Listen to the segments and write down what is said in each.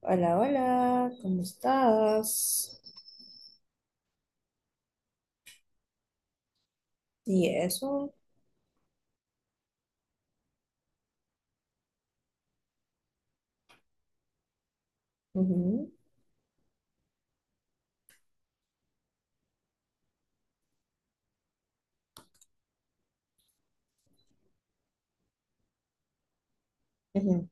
Hola, hola, ¿cómo estás? ¿Y eso? Ujú, ujú,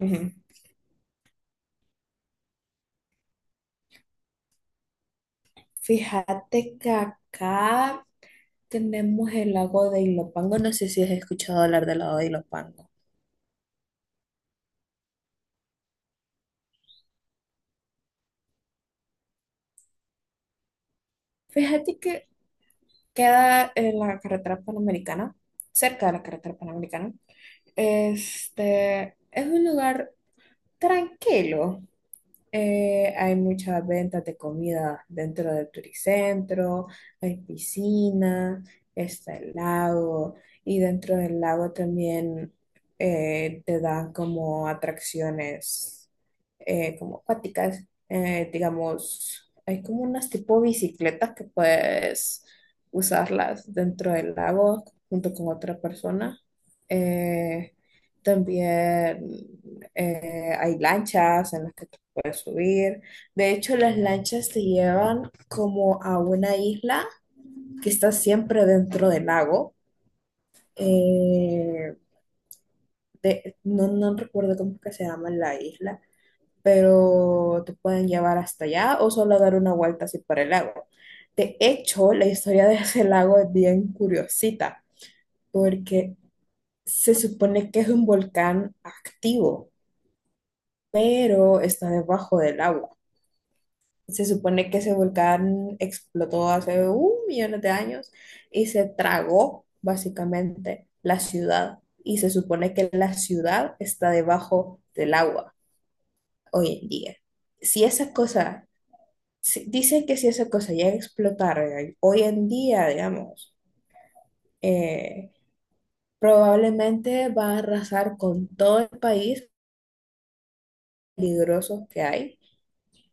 ujú. Fíjate que acá tenemos el lago de Ilopango. No sé si has escuchado hablar del lago de Ilopango. Fíjate que queda en la carretera panamericana, cerca de la carretera panamericana. Este es un lugar tranquilo. Hay muchas ventas de comida dentro del turicentro, hay piscina, está el lago y dentro del lago también te dan como atracciones, como acuáticas, digamos, hay como unas tipo bicicletas que puedes usarlas dentro del lago junto con otra persona. Eh, También, hay lanchas en las que puedes subir. De hecho, las lanchas te llevan como a una isla que está siempre dentro del lago. Eh, no, no recuerdo cómo es que se llama la isla, pero te pueden llevar hasta allá o solo dar una vuelta así por el lago. De hecho, la historia de ese lago es bien curiosita, porque se supone que es un volcán activo, pero está debajo del agua. Se supone que ese volcán explotó hace 1 millón de años y se tragó básicamente la ciudad. Y se supone que la ciudad está debajo del agua hoy en día. Si esa cosa, dicen que si esa cosa llega a explotar, hoy en día, digamos, eh, probablemente va a arrasar con todo el país peligroso que hay,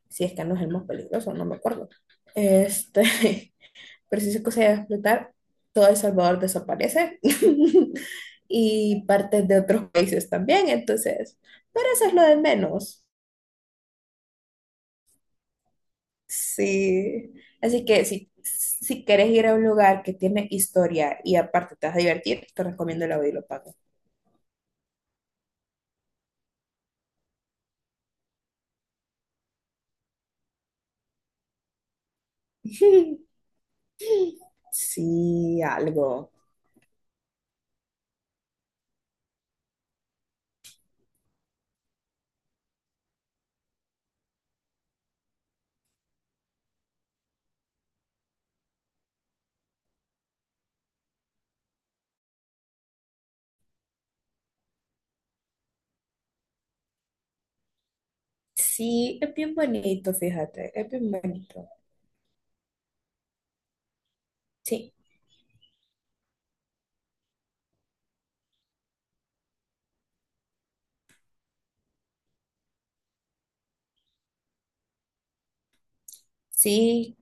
si es que no es el más peligroso, no me acuerdo. Este, pero si esa cosa llega a explotar, todo El Salvador desaparece y partes de otros países también, entonces, pero eso es lo de menos. Sí, así que si, si quieres ir a un lugar que tiene historia y aparte te vas a divertir, te recomiendo la Pago. Sí, algo. Sí, es bien bonito, fíjate, es bien bonito. Sí, sí,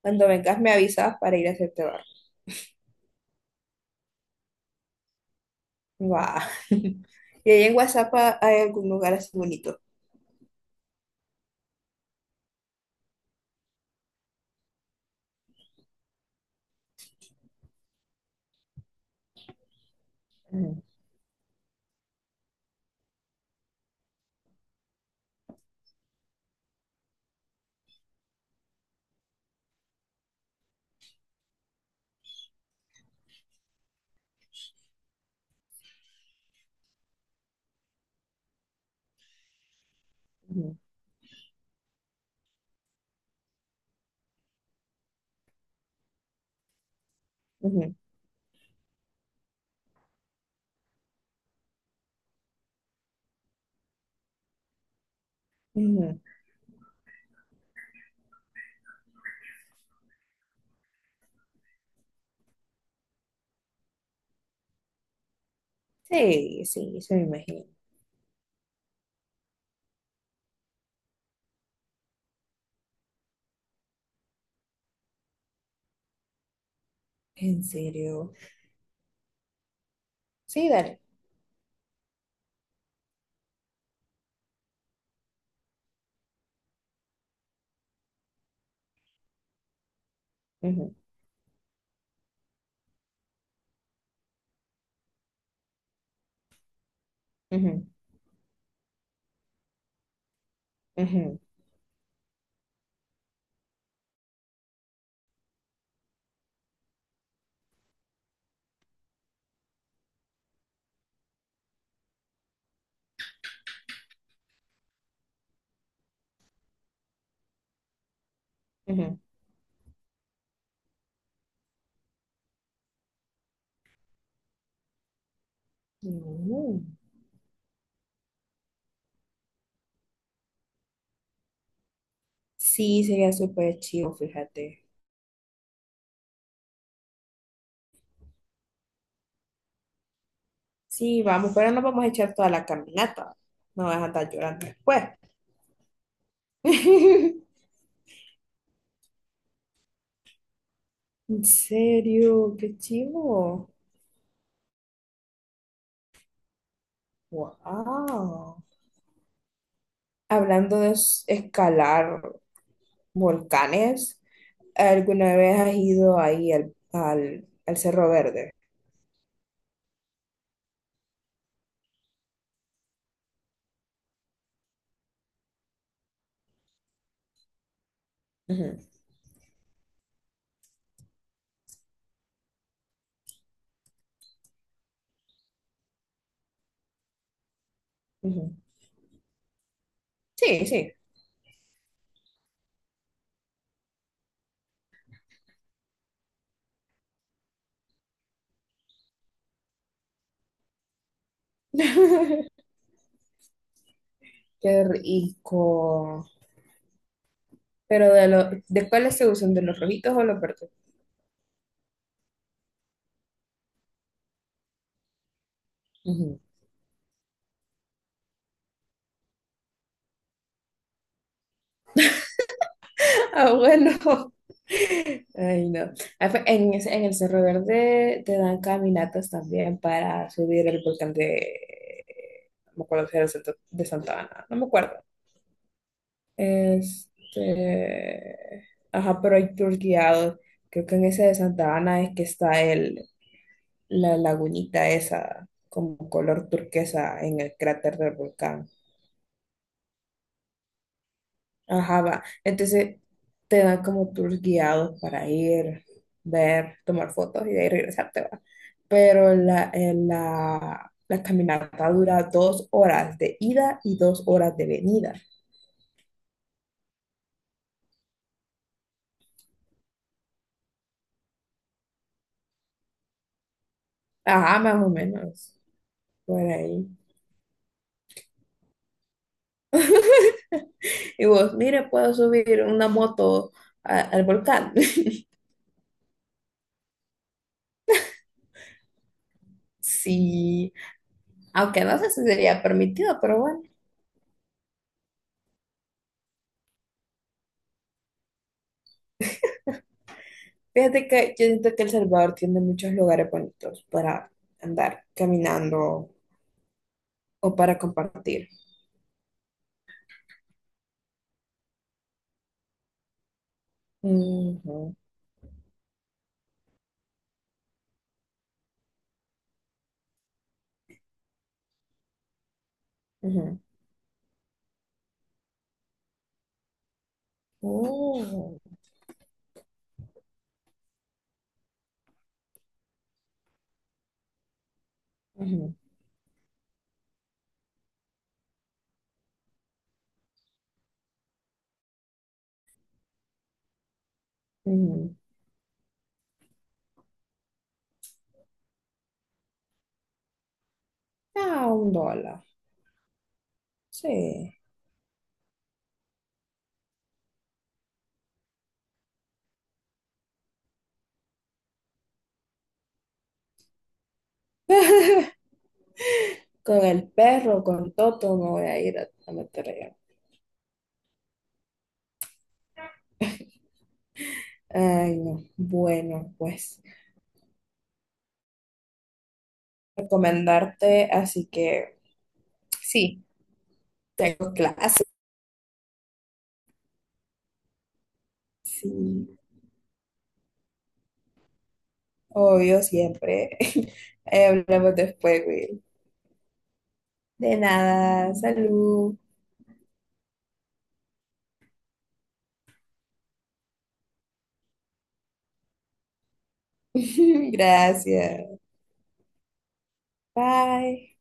cuando vengas me avisas para ir a hacerte guau. Y ahí en WhatsApp, hay algún lugar así bonito. Ujú, ujú, ujú, ujú. Sí, sí, eso me imagino. En serio. Sí, dale. Ujú, ujú, ujú, ujú. Ujú. Sí, sería súper chido, fíjate. Sí, vamos, pero no vamos a echar toda la caminata. No vas a andar llorando después. En serio, qué chido. Wow. Hablando de escalar volcanes. ¿Alguna vez has ido ahí al Cerro Verde? Ujú, ujú. Sí, sí. Qué rico. Pero ¿de cuáles se usan? ¿De los rojitos o los verdes? Ujú. Ah, bueno. Ay, no. Ah, en, en el Cerro Verde te dan caminatas también para subir el volcán de. No me acuerdo si era el de Santa Ana. No me acuerdo. Este, ajá, pero hay tours guiados. Creo que en ese de Santa Ana es que está la lagunita esa, como color turquesa en el cráter del volcán. Ajá, va. Entonces te dan como tours guiados para ir, ver, tomar fotos y de ahí regresarte, va. Pero la caminata dura 2 horas de ida y 2 horas de venida. Ajá, más o menos, por ahí. Y vos, mire, puedo subir una moto al volcán. Sí, aunque no sé si sería permitido, pero bueno. Fíjate que yo siento que El Salvador tiene muchos lugares bonitos para andar caminando o para compartir. Ujú, ujú. Oh. Ujú, ujú. Ah, $1. Sí. Con el perro, con Toto, me voy a ir a meter allá. Ay, no. Bueno, pues recomendarte, así que. Sí. Tengo clases, sí, obvio, siempre. Ahí hablamos después, Will. De nada, salud. Gracias. Bye.